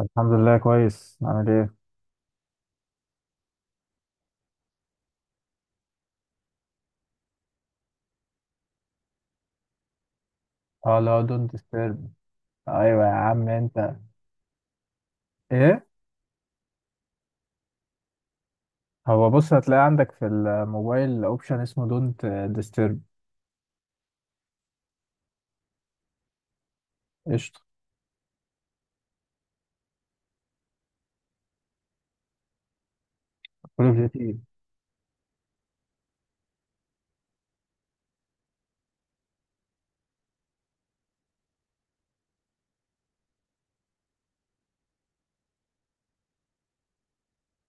الحمد لله كويس. عامل ايه؟ اه، لا دونت ديسترب. ايوه يا عم انت. ايه؟ هو بص، هتلاقي عندك في الموبايل اوبشن اسمه دونت ديسترب. قشطه. كول اوف ديوتي.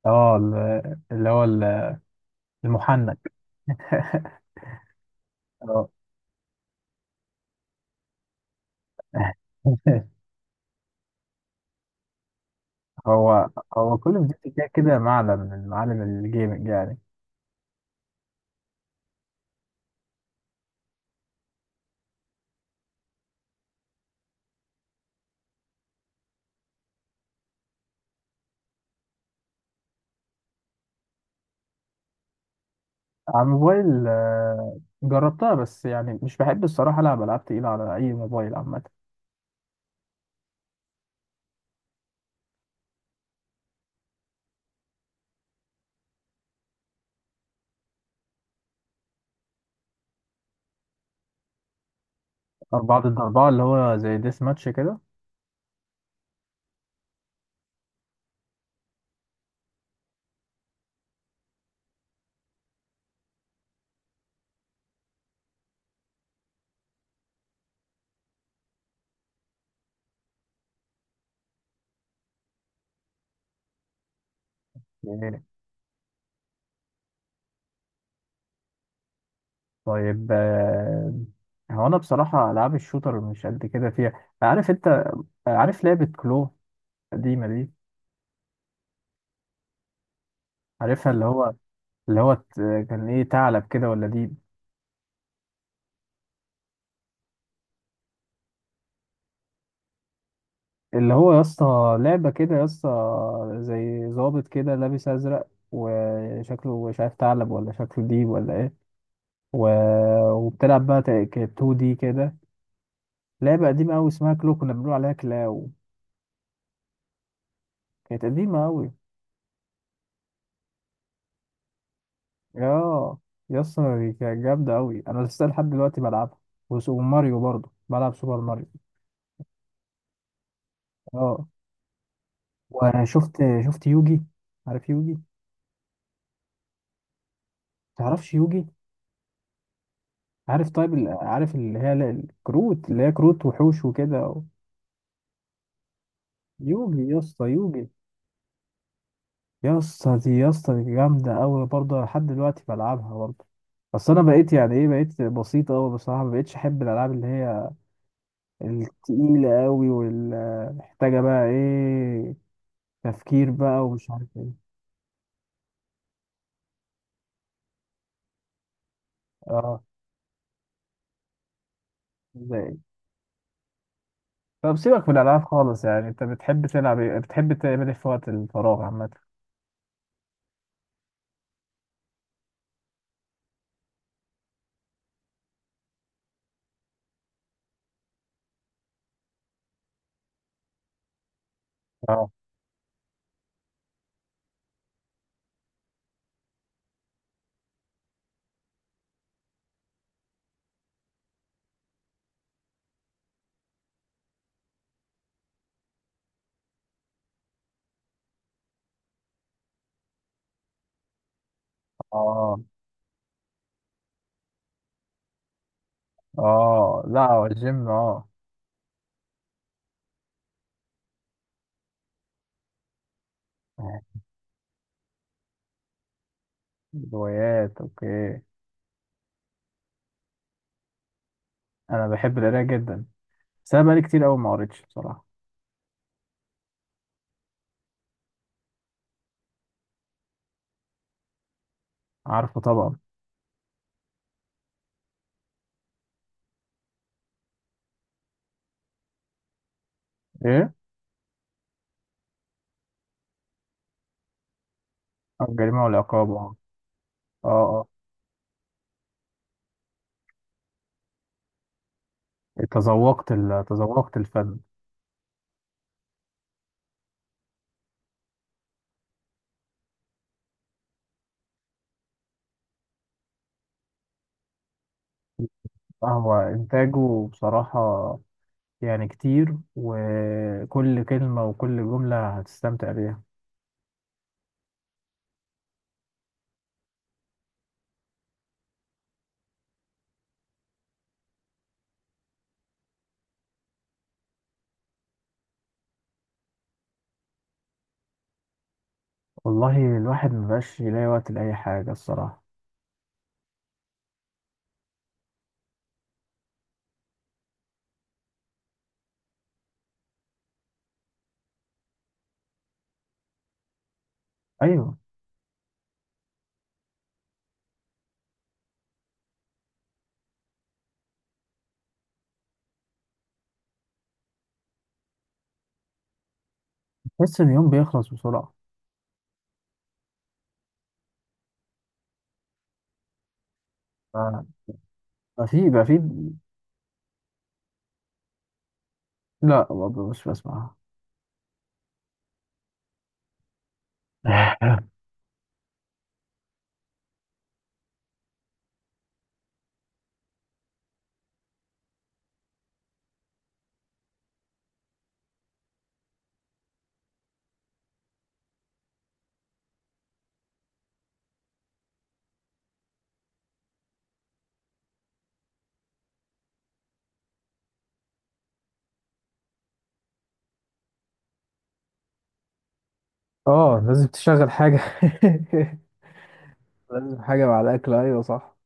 اه اللي هو المحنك. اه. هو هو كول اوف ديوتي كده كده معلم من معالم الجيمنج يعني. على الموبايل جربتها، بس يعني مش بحب الصراحه العب العاب تقيله على اي موبايل عامه. اربعه ضد اربعه اللي هو زي ديس ماتش كده؟ طيب. هو انا بصراحه العاب الشوتر مش قد كده فيها، عارف انت؟ عارف لعبه كلو القديمه دي؟ عارفها، اللي هو، اللي هو كان ايه؟ ثعلب كده ولا دي؟ اللي هو يا اسطى لعبه كده يا اسطى، زي ظابط كده لابس ازرق وشكله مش عارف ثعلب ولا شكله ديب ولا ايه، و... وبتلعب بقى 2 دي كده. لعبه قديمه قوي اسمها كلو، كنا بنقول عليها كلاو. كانت قديمه قوي. اه يا اسطى دي كانت جامدة أوي، أنا لسه لحد دلوقتي بلعبها. وماريو برضه بلعب سوبر ماريو. اه. وشفت، شفت يوجي؟ عارف يوجي؟ تعرفش يوجي؟ عارف طيب عارف اللي هي الكروت اللي هي كروت وحوش وكده يوجي يا اسطى، يوجي. يا اسطى دي، يا اسطى دي جامدة أوي برضه، لحد دلوقتي بلعبها برضه. بس أنا بقيت يعني إيه، بقيت بسيط أوي بصراحة، مبقتش أحب الألعاب اللي هي التقيلة أوي والمحتاجة بقى إيه، تفكير بقى ومش عارف ايه. اه. ازاي؟ طب سيبك من الالعاب خالص، يعني انت بتحب تلعب ايه؟ بتحب تعمل ايه في وقت الفراغ عامه؟ اه، اه، اه. لا هو الجيم اه. آه. روايات، اوكي. انا بحب القرايه جدا، بس انا بقالي كتير قوي ما قريتش بصراحه. عارفه طبعا. ايه؟ آه، الجريمه والعقاب، اه. اه. آه. تذوقت تذوقت الفن. آه، هو انتاجه بصراحه يعني كتير، وكل كلمه وكل جمله هتستمتع بيها. والله الواحد مبقاش يلاقي وقت لأي حاجة الصراحة. أيوة. تحس إن اليوم بيخلص بسرعة. ف- ما في. لا برضه مش بسمعها. اه لازم تشغل حاجة. لازم حاجة مع الأكل، أيوة صح.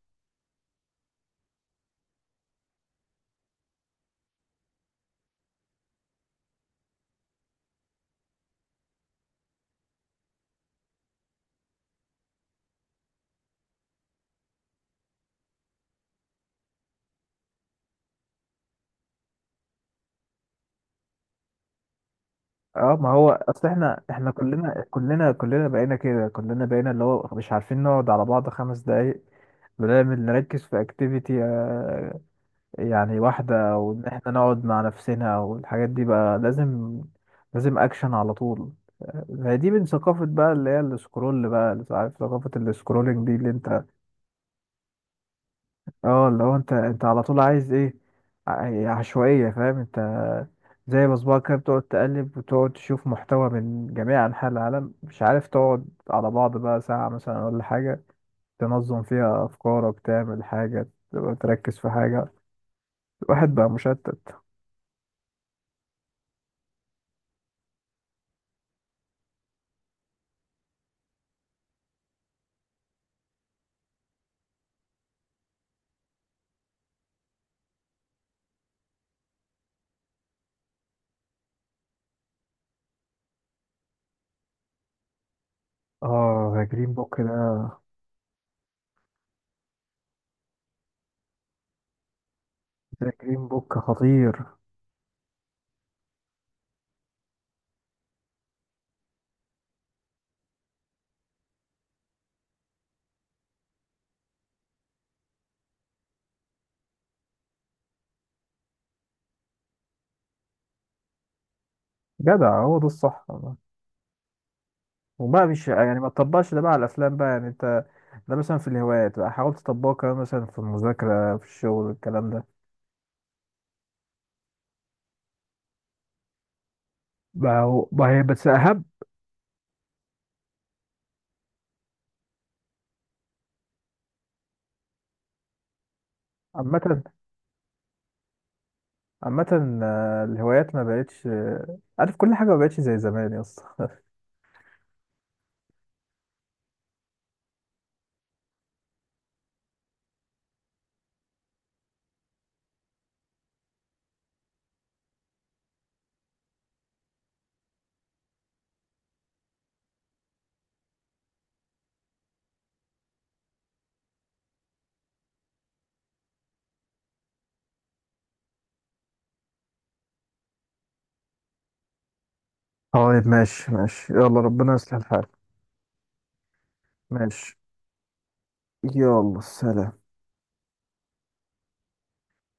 اه، ما هو اصل احنا، احنا كلنا كلنا بقينا كده، كلنا بقينا اللي هو مش عارفين نقعد على بعض خمس دقايق. بنعمل نركز في اكتيفيتي يعني واحدة، وإن إحنا نقعد مع نفسنا والحاجات دي بقى لازم. لازم أكشن على طول. آه، هي دي من ثقافة بقى اللي هي السكرول بقى، اللي عارف ثقافة السكرولنج دي اللي أنت، اه اللي هو أنت، أنت على طول عايز إيه، عشوائية، فاهم أنت؟ زي بصبعك كده بتقعد تقلب وتقعد تشوف محتوى من جميع أنحاء العالم، مش عارف تقعد على بعض بقى ساعة مثلا ولا حاجة تنظم فيها أفكارك، تعمل حاجة، تبقى تركز في حاجة. الواحد بقى مشتت. اه، ذا جرين بوك ده. ذا جرين بوك خطير. جدع، هو ده الصح والله. وبقى مش يعني ما تطبقش ده بقى على الافلام بقى يعني انت، ده مثلا في الهوايات بقى حاول تطبقه كمان، مثلا في المذاكره في الشغل، الكلام ده. بقى هو بقى هي بس اهم. عامه، عامه آه، الهوايات ما بقتش، آه، عارف كل حاجه ما بقتش زي زمان يا اسطى. طيب، ماشي ماشي، يلا ربنا يصلح الحال. ماشي، يلا سلام.